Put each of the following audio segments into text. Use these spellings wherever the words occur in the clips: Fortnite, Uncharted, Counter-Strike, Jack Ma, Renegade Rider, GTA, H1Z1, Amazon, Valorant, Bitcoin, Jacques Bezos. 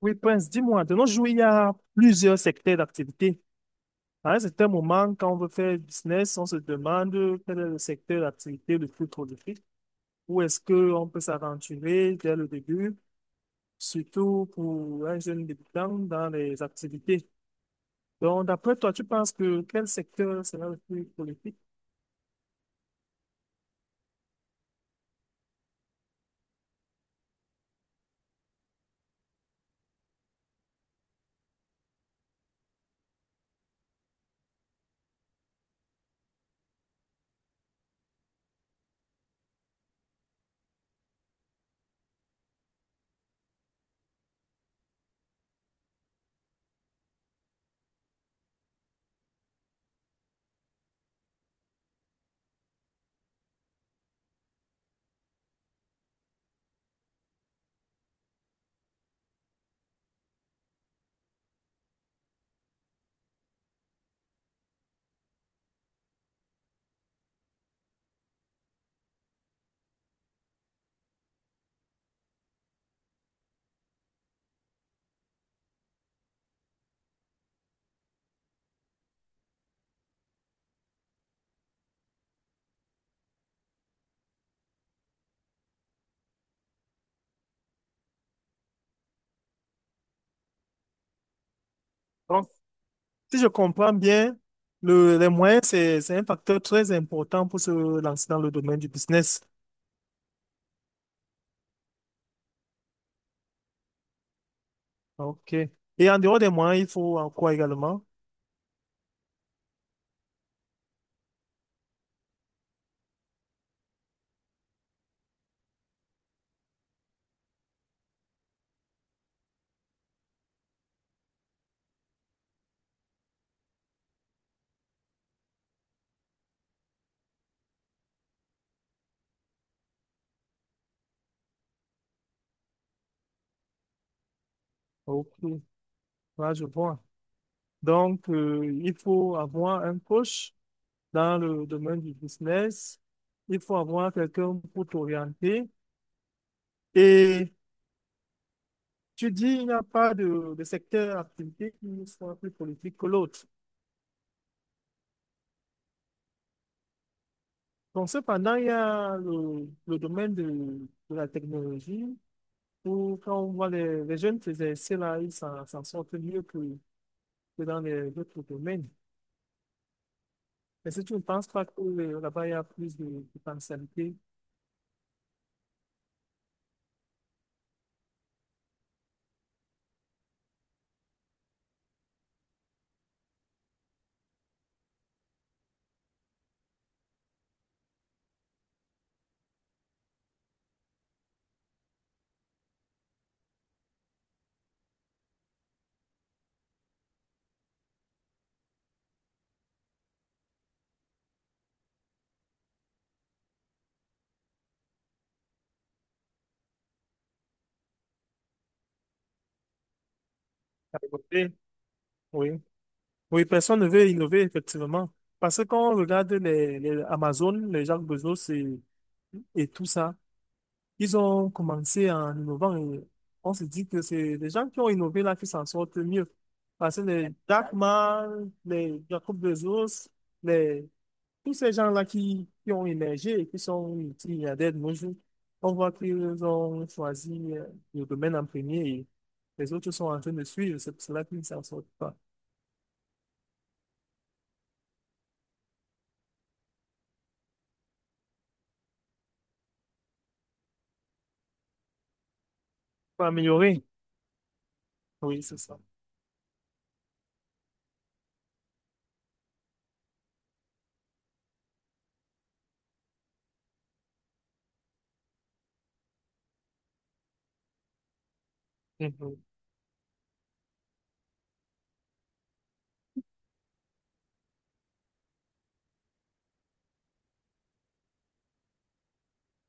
Oui, Prince, dis-moi, de nos jours, il y a plusieurs secteurs d'activité. À un certain moment, quand on veut faire business, on se demande quel est le secteur d'activité le plus prolifique, où est-ce qu'on peut s'aventurer dès le début, surtout pour un jeune débutant dans les activités. Donc, d'après toi, tu penses que quel secteur sera le plus prolifique? Donc, si je comprends bien, les moyens, c'est un facteur très important pour se lancer dans le domaine du business. Ok. Et en dehors des moyens, il faut en quoi également? Ok. Là, je vois. Donc, il faut avoir un coach dans le domaine du business. Il faut avoir quelqu'un pour t'orienter. Et tu dis, il n'y a pas de secteur d'activité qui soit plus politique que l'autre. Donc, cependant, il y a le domaine de la technologie où, quand on voit les jeunes s'exercer là, ils s'en sortent mieux que dans les autres domaines. Mais si tu ne penses pas que là-bas, il y a plus de potentialité à développer, oui. Oui, personne ne veut innover, effectivement. Parce que quand on regarde les Amazon, les Jacques Bezos et tout ça, ils ont commencé en innovant et on se dit que c'est les gens qui ont innové là qui s'en sortent mieux. Parce que les Jack Ma, les Jacob Bezos, les, tous ces gens-là qui ont émergé et qui sont multimilliardaires de nos jours, on voit qu'ils ont choisi le domaine en premier et les autres sont en train de suivre. C'est pour cela qu'ils ne s'en sortent pas. Pour améliorer, oui, c'est ça. Mhm,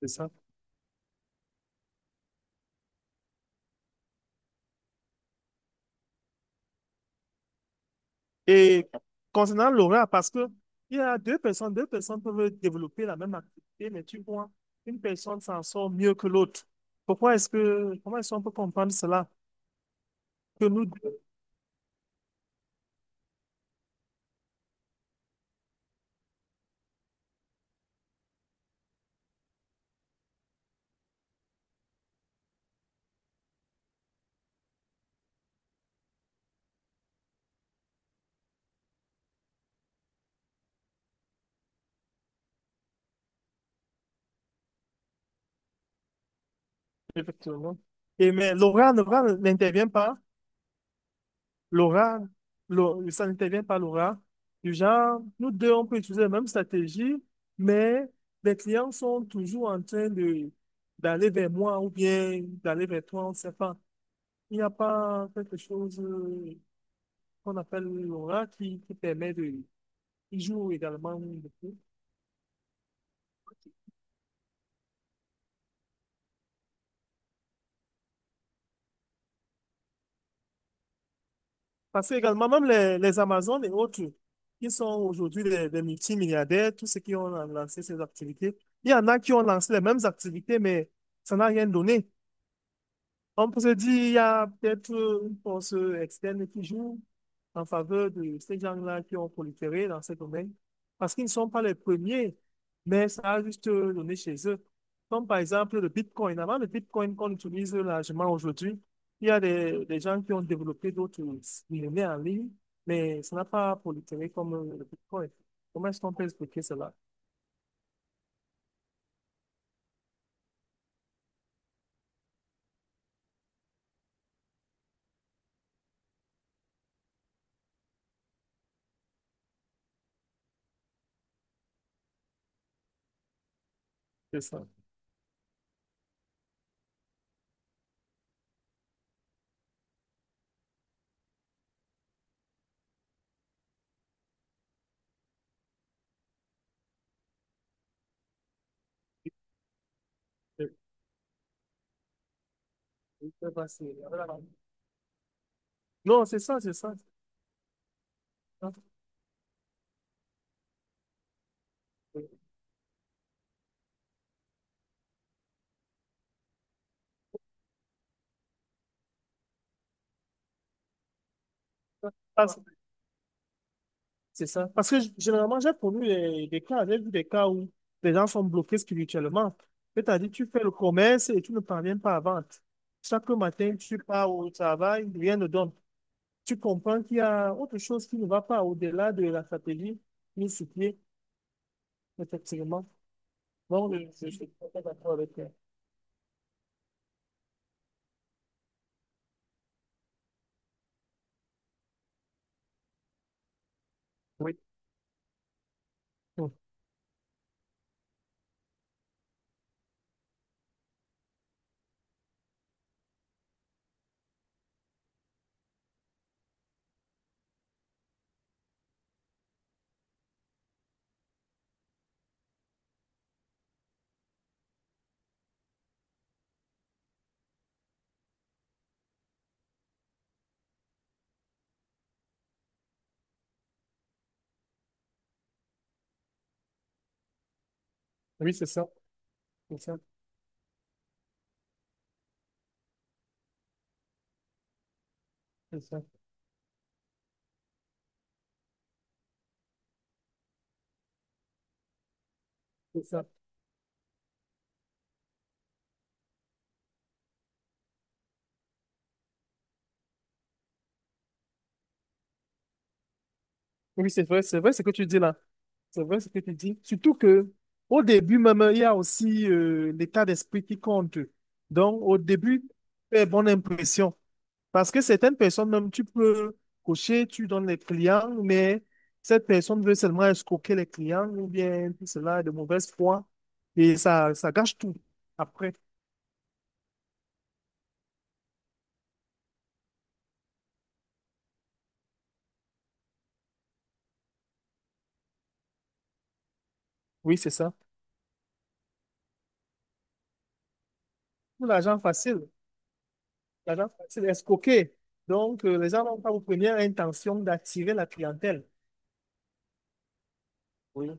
c'est ça. Et concernant l'aura, parce que il y a deux personnes peuvent développer la même activité, mais tu vois, une personne s'en sort mieux que l'autre. Pourquoi est-ce que, comment est-ce qu'on peut comprendre cela? Que nous deux, effectivement. Et mais l'aura, l'aura n'intervient pas. L'aura, ça n'intervient pas l'aura. Du genre, nous deux, on peut utiliser la même stratégie, mais les clients sont toujours en train de d'aller vers moi ou bien d'aller vers toi, on ne sait pas. Il n'y a pas quelque chose qu'on appelle l'aura, qui permet de... Ils jouent également beaucoup. Parce que également, même les Amazones et autres, qui sont aujourd'hui des multimilliardaires, tous ceux qui ont lancé ces activités, il y en a qui ont lancé les mêmes activités, mais ça n'a rien donné. On peut se dire, il y a peut-être une force externe qui joue en faveur de ces gens-là qui ont proliféré dans ce domaine, parce qu'ils ne sont pas les premiers, mais ça a juste donné chez eux. Comme par exemple le Bitcoin. Avant le Bitcoin qu'on utilise largement aujourd'hui, il y a des gens qui ont développé d'autres monnaies en ligne, mais ça n'a pas proliféré comme le Bitcoin. Comment est-ce qu'on peut expliquer cela? C'est ça. Non, c'est ça, c'est ça. C'est ça. Parce- C'est ça. Parce que généralement, j'ai connu des cas, j'ai vu des cas où les gens sont bloqués spirituellement. C'est-à-dire, tu fais le commerce et tu ne parviens pas à vendre. Chaque matin, tu pars au travail, rien ne donne. Tu comprends qu'il y a autre chose qui ne va pas au-delà de la stratégie mise sur pied, effectivement. Donc, je suis tout à fait d'accord avec toi. Oui, oui, oui, c'est ça, c'est ça, c'est ça, c'est ça. Oui, c'est vrai ce que tu dis là. C'est vrai ce que tu dis. Surtout que au début même, il y a aussi l'état d'esprit qui compte. Donc, au début, fais bonne impression. Parce que certaines personnes, même tu peux cocher, tu donnes les clients, mais cette personne veut seulement escroquer les clients ou bien tout cela est de mauvaise foi. Et ça gâche tout après. Oui, c'est ça. Ou l'argent facile, l'argent facile, escroquer. Donc, les gens n'ont pas aux premières intentions d'attirer la clientèle. Oui.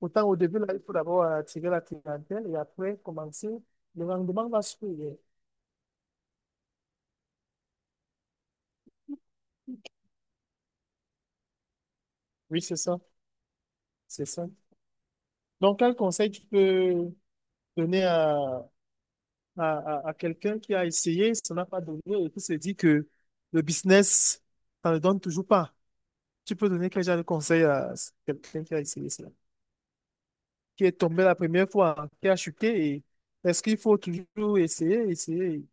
Autant au début, là, il faut d'abord attirer la clientèle et après commencer, le rendement va suivre. Oui, c'est ça. C'est ça. Donc, quel conseil tu peux donner à, à quelqu'un qui a essayé, ça n'a pas donné et qui se dit que le business, ça ne donne toujours pas. Tu peux donner quel genre de conseil à quelqu'un qui a essayé cela, qui est tombé la première fois, qui a chuté et est-ce qu'il faut toujours essayer, essayer,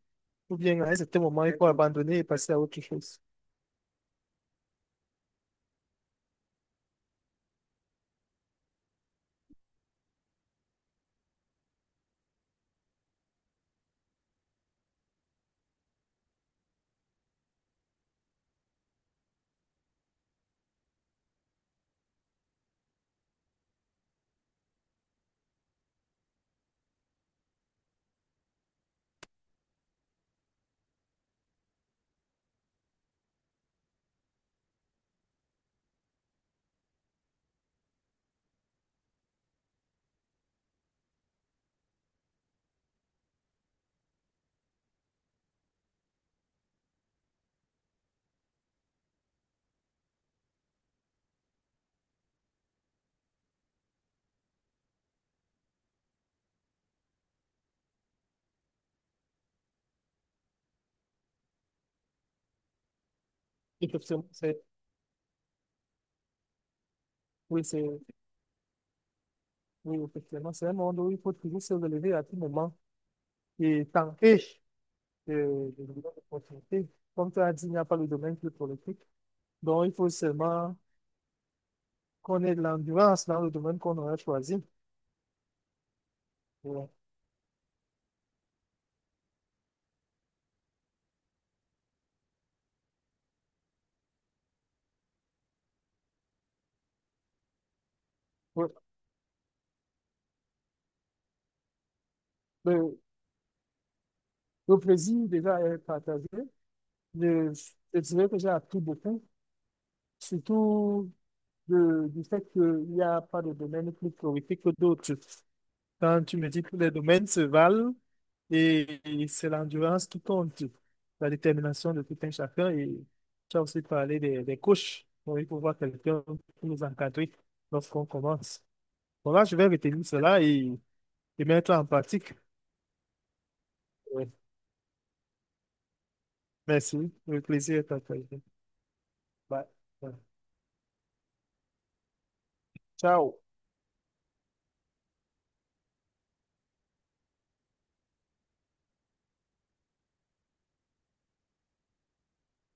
ou bien à un certain moment, il faut abandonner et passer à autre chose? Effectivement, c'est, oui, effectivement, c'est un monde où il faut toujours se relever à tout moment et tenter de, de, nouvelles opportunités. Comme tu as dit, il n'y a pas le domaine qui est politique. Donc, il faut seulement qu'on ait de l'endurance dans le domaine qu'on aurait choisi. Voilà. Ouais. Le, le plaisir déjà est partagé. Je, je dirais que j'ai appris beaucoup, surtout du fait qu'il n'y a pas de domaine plus prolifique que d'autres. Quand tu me dis que les domaines se valent et c'est l'endurance qui compte, la détermination de tout un chacun. Et tu as aussi parlé des coachs. Donc, il faut voir quelqu'un pour nous encadrer lorsqu'on commence. Bon, là je vais retenir cela et mettre en pratique. Oui. Merci. Le plaisir est partagé. Bye. Bye. Tchau.